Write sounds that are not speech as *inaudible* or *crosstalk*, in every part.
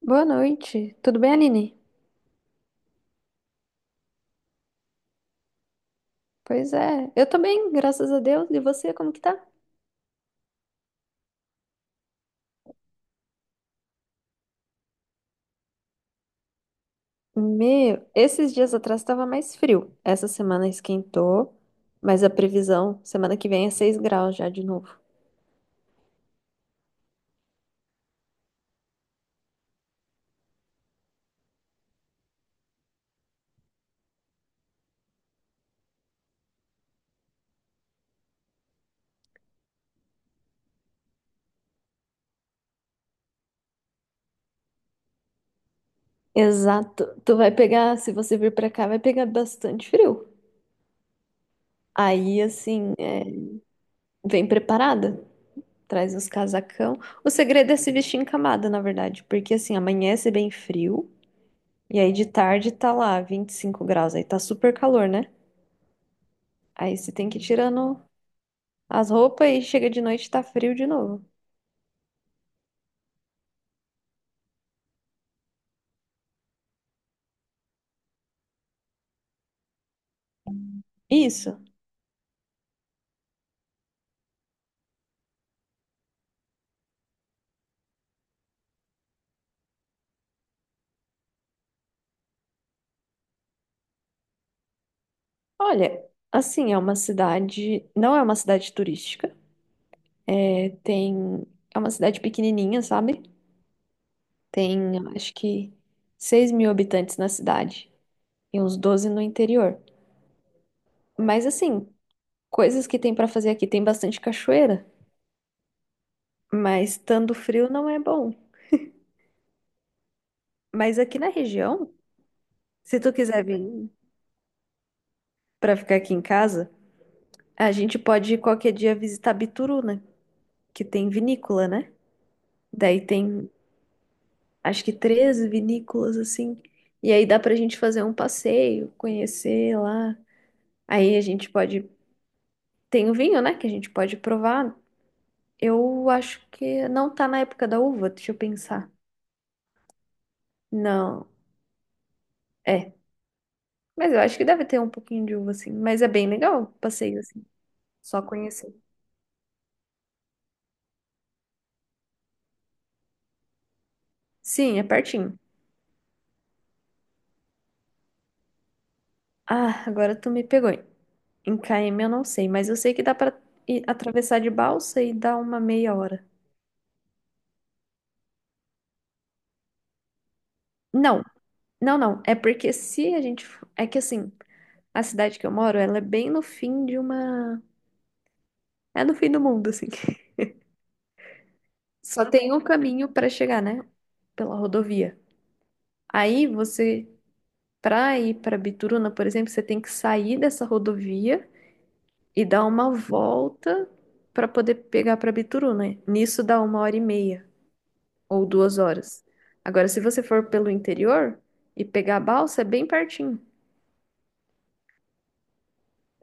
Boa noite. Tudo bem, Aline? Pois é, eu tô bem, graças a Deus. E você, como que tá? Meu, esses dias atrás tava mais frio. Essa semana esquentou, mas a previsão, semana que vem é 6 graus já de novo. Exato. Tu vai pegar, se você vir pra cá, vai pegar bastante frio. Aí, assim, é, vem preparada. Traz uns casacão. O segredo é se vestir em camada, na verdade, porque assim, amanhece bem frio. E aí de tarde tá lá 25 graus, aí tá super calor, né? Aí você tem que ir tirando as roupas e chega de noite e tá frio de novo. Isso. Olha, assim, é uma cidade. Não é uma cidade turística. É, tem. É uma cidade pequenininha, sabe? Tem, eu acho que, 6 mil habitantes na cidade e uns 12 no interior. Mas, assim, coisas que tem pra fazer aqui. Tem bastante cachoeira, mas estando frio não é bom. Mas aqui na região, se tu quiser vir pra ficar aqui em casa, a gente pode ir qualquer dia visitar Bituruna que tem vinícola, né? Daí tem, acho que 13 vinícolas assim. E aí dá pra gente fazer um passeio, conhecer lá. Aí a gente pode. Tem o vinho, né? Que a gente pode provar. Eu acho que não tá na época da uva, deixa eu pensar. Não, é. Mas eu acho que deve ter um pouquinho de uva, assim. Mas é bem legal o passeio, assim. Só conhecer. Sim, é pertinho. Ah, agora tu me pegou. Em KM eu não sei, mas eu sei que dá pra ir atravessar de balsa e dar uma meia hora. Não, não, não. É porque se a gente. É que assim, a cidade que eu moro, ela é bem no fim de uma. É no fim do mundo, assim. *laughs* Só tem um caminho pra chegar, né? Pela rodovia. Aí você, pra ir pra Bituruna, por exemplo, você tem que sair dessa rodovia e dar uma volta pra poder pegar pra Bituruna. Nisso dá uma hora e meia ou duas horas. Agora, se você for pelo interior e pegar a balsa, é bem pertinho.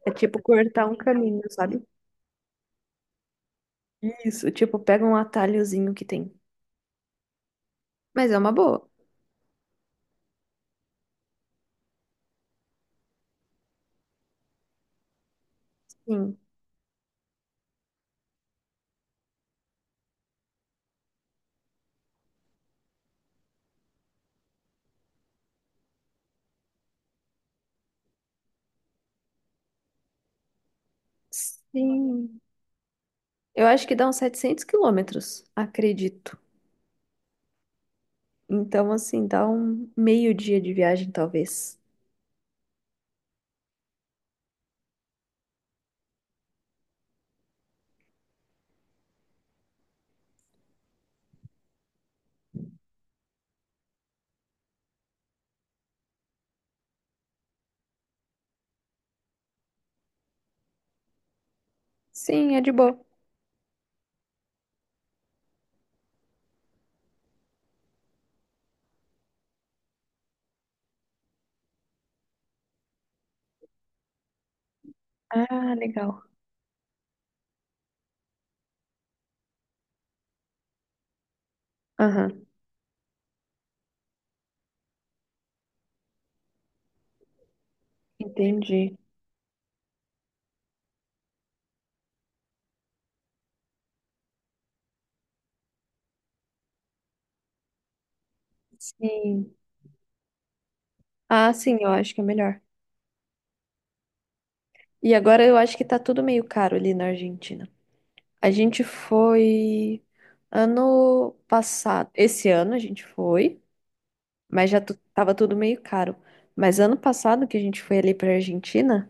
É tipo cortar um caminho, sabe? Isso, tipo, pega um atalhozinho que tem. Mas é uma boa. Sim. Sim. Eu acho que dá uns 700 quilômetros, acredito. Então, assim, dá um meio dia de viagem, talvez. Sim, é de boa. Ah, legal. Aham, entendi. Sim. Ah, sim, eu acho que é melhor. E agora eu acho que tá tudo meio caro ali na Argentina. A gente foi ano passado. Esse ano a gente foi, mas já tava tudo meio caro. Mas ano passado que a gente foi ali pra Argentina,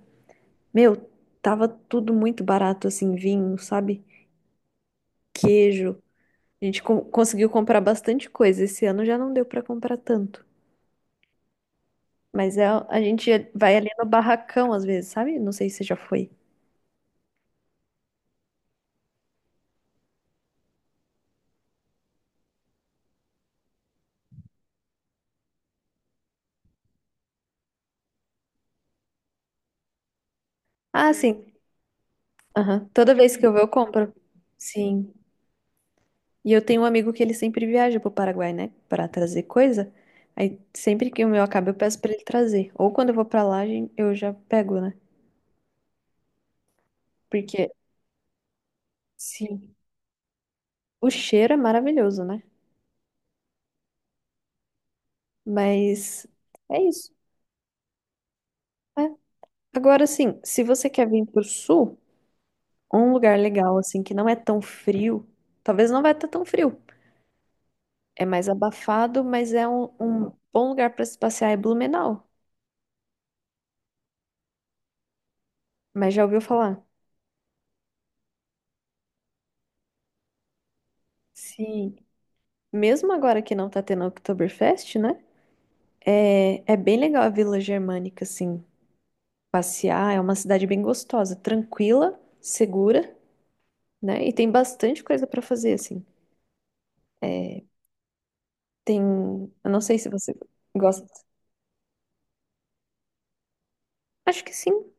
meu, tava tudo muito barato, assim, vinho, sabe? Queijo. A gente conseguiu comprar bastante coisa. Esse ano já não deu pra comprar tanto. Mas é, a gente vai ali no barracão às vezes, sabe? Não sei se você já foi. Ah, sim. Aham. Toda vez que eu vou, eu compro. Sim. E eu tenho um amigo que ele sempre viaja pro Paraguai, né? Pra trazer coisa. Aí sempre que o meu acaba, eu peço pra ele trazer. Ou quando eu vou pra lá, eu já pego, né? Porque sim, o cheiro é maravilhoso, né? Mas é isso, né? Agora, assim, se você quer vir pro sul, um lugar legal, assim, que não é tão frio, talvez não vai estar tão frio. É mais abafado, mas é um, um bom lugar para se passear é Blumenau. Mas já ouviu falar? Sim. Mesmo agora que não tá tendo Oktoberfest, né? É, é bem legal a Vila Germânica, assim, passear. É uma cidade bem gostosa, tranquila, segura, né? E tem bastante coisa para fazer, assim. Tem, eu não sei se você gosta. Acho que sim.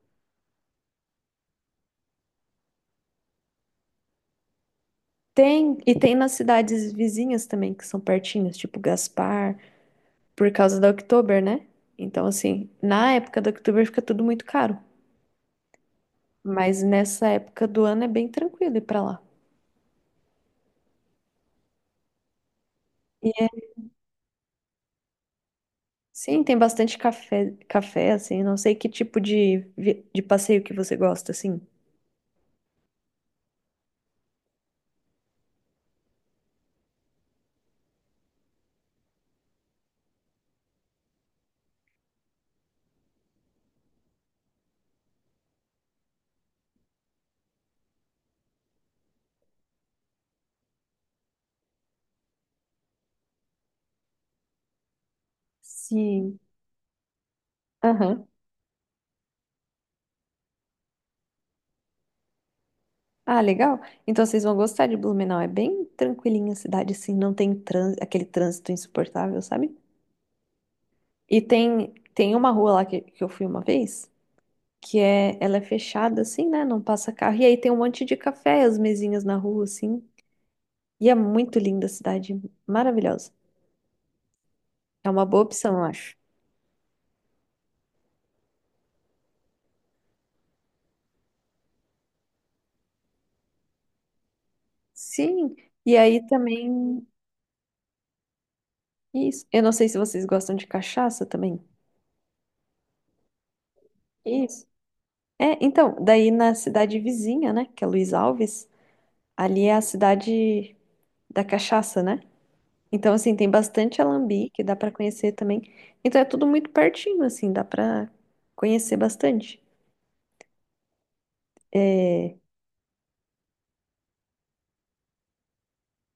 Tem, e tem nas cidades vizinhas também, que são pertinhas, tipo Gaspar, por causa da Oktober, né? Então, assim, na época da Oktober fica tudo muito caro. Mas nessa época do ano é bem tranquilo ir pra lá. E é- sim, tem bastante café, café, assim, não sei que tipo de, de passeio que você gosta, assim. Sim. Aham. Ah, legal. Então vocês vão gostar de Blumenau. É bem tranquilinha a cidade, assim, não tem trânsito, aquele trânsito insuportável, sabe? E tem, tem uma rua lá que eu fui uma vez, que é, ela é fechada, assim, né? Não passa carro. E aí tem um monte de café, as mesinhas na rua, assim. E é muito linda a cidade, maravilhosa. É uma boa opção, eu acho. Sim. E aí também, isso. Eu não sei se vocês gostam de cachaça também. Isso. É, então, daí na cidade vizinha, né, que é Luiz Alves, ali é a cidade da cachaça, né? Então, assim, tem bastante alambique, dá pra conhecer também. Então, é tudo muito pertinho, assim, dá pra conhecer bastante. É...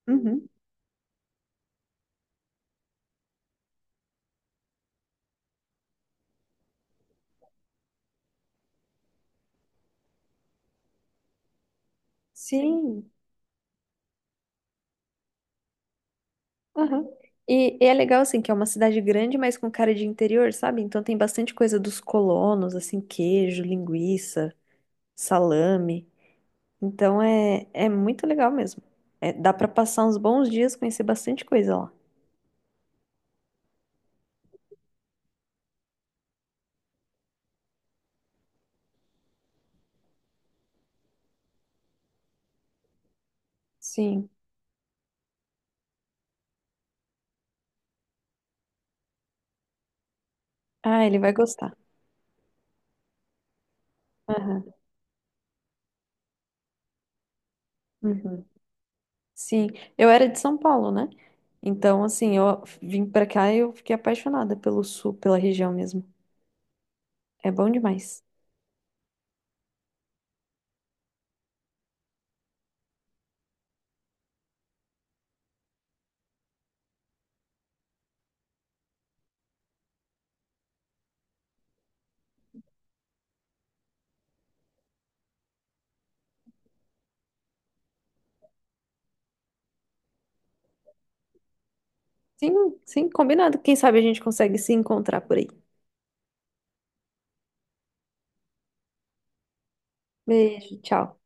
Uhum. Sim. Aham. E é legal, assim, que é uma cidade grande, mas com cara de interior, sabe? Então, tem bastante coisa dos colonos, assim, queijo, linguiça, salame. Então, é, é muito legal mesmo. É, dá pra passar uns bons dias, conhecer bastante coisa lá. Sim. Ah, ele vai gostar. Aham. Uhum. Sim, eu era de São Paulo, né? Então, assim, eu vim pra cá e eu fiquei apaixonada pelo sul, pela região mesmo. É bom demais. Sim, sim, combinado. Quem sabe a gente consegue se encontrar por aí. Beijo, tchau.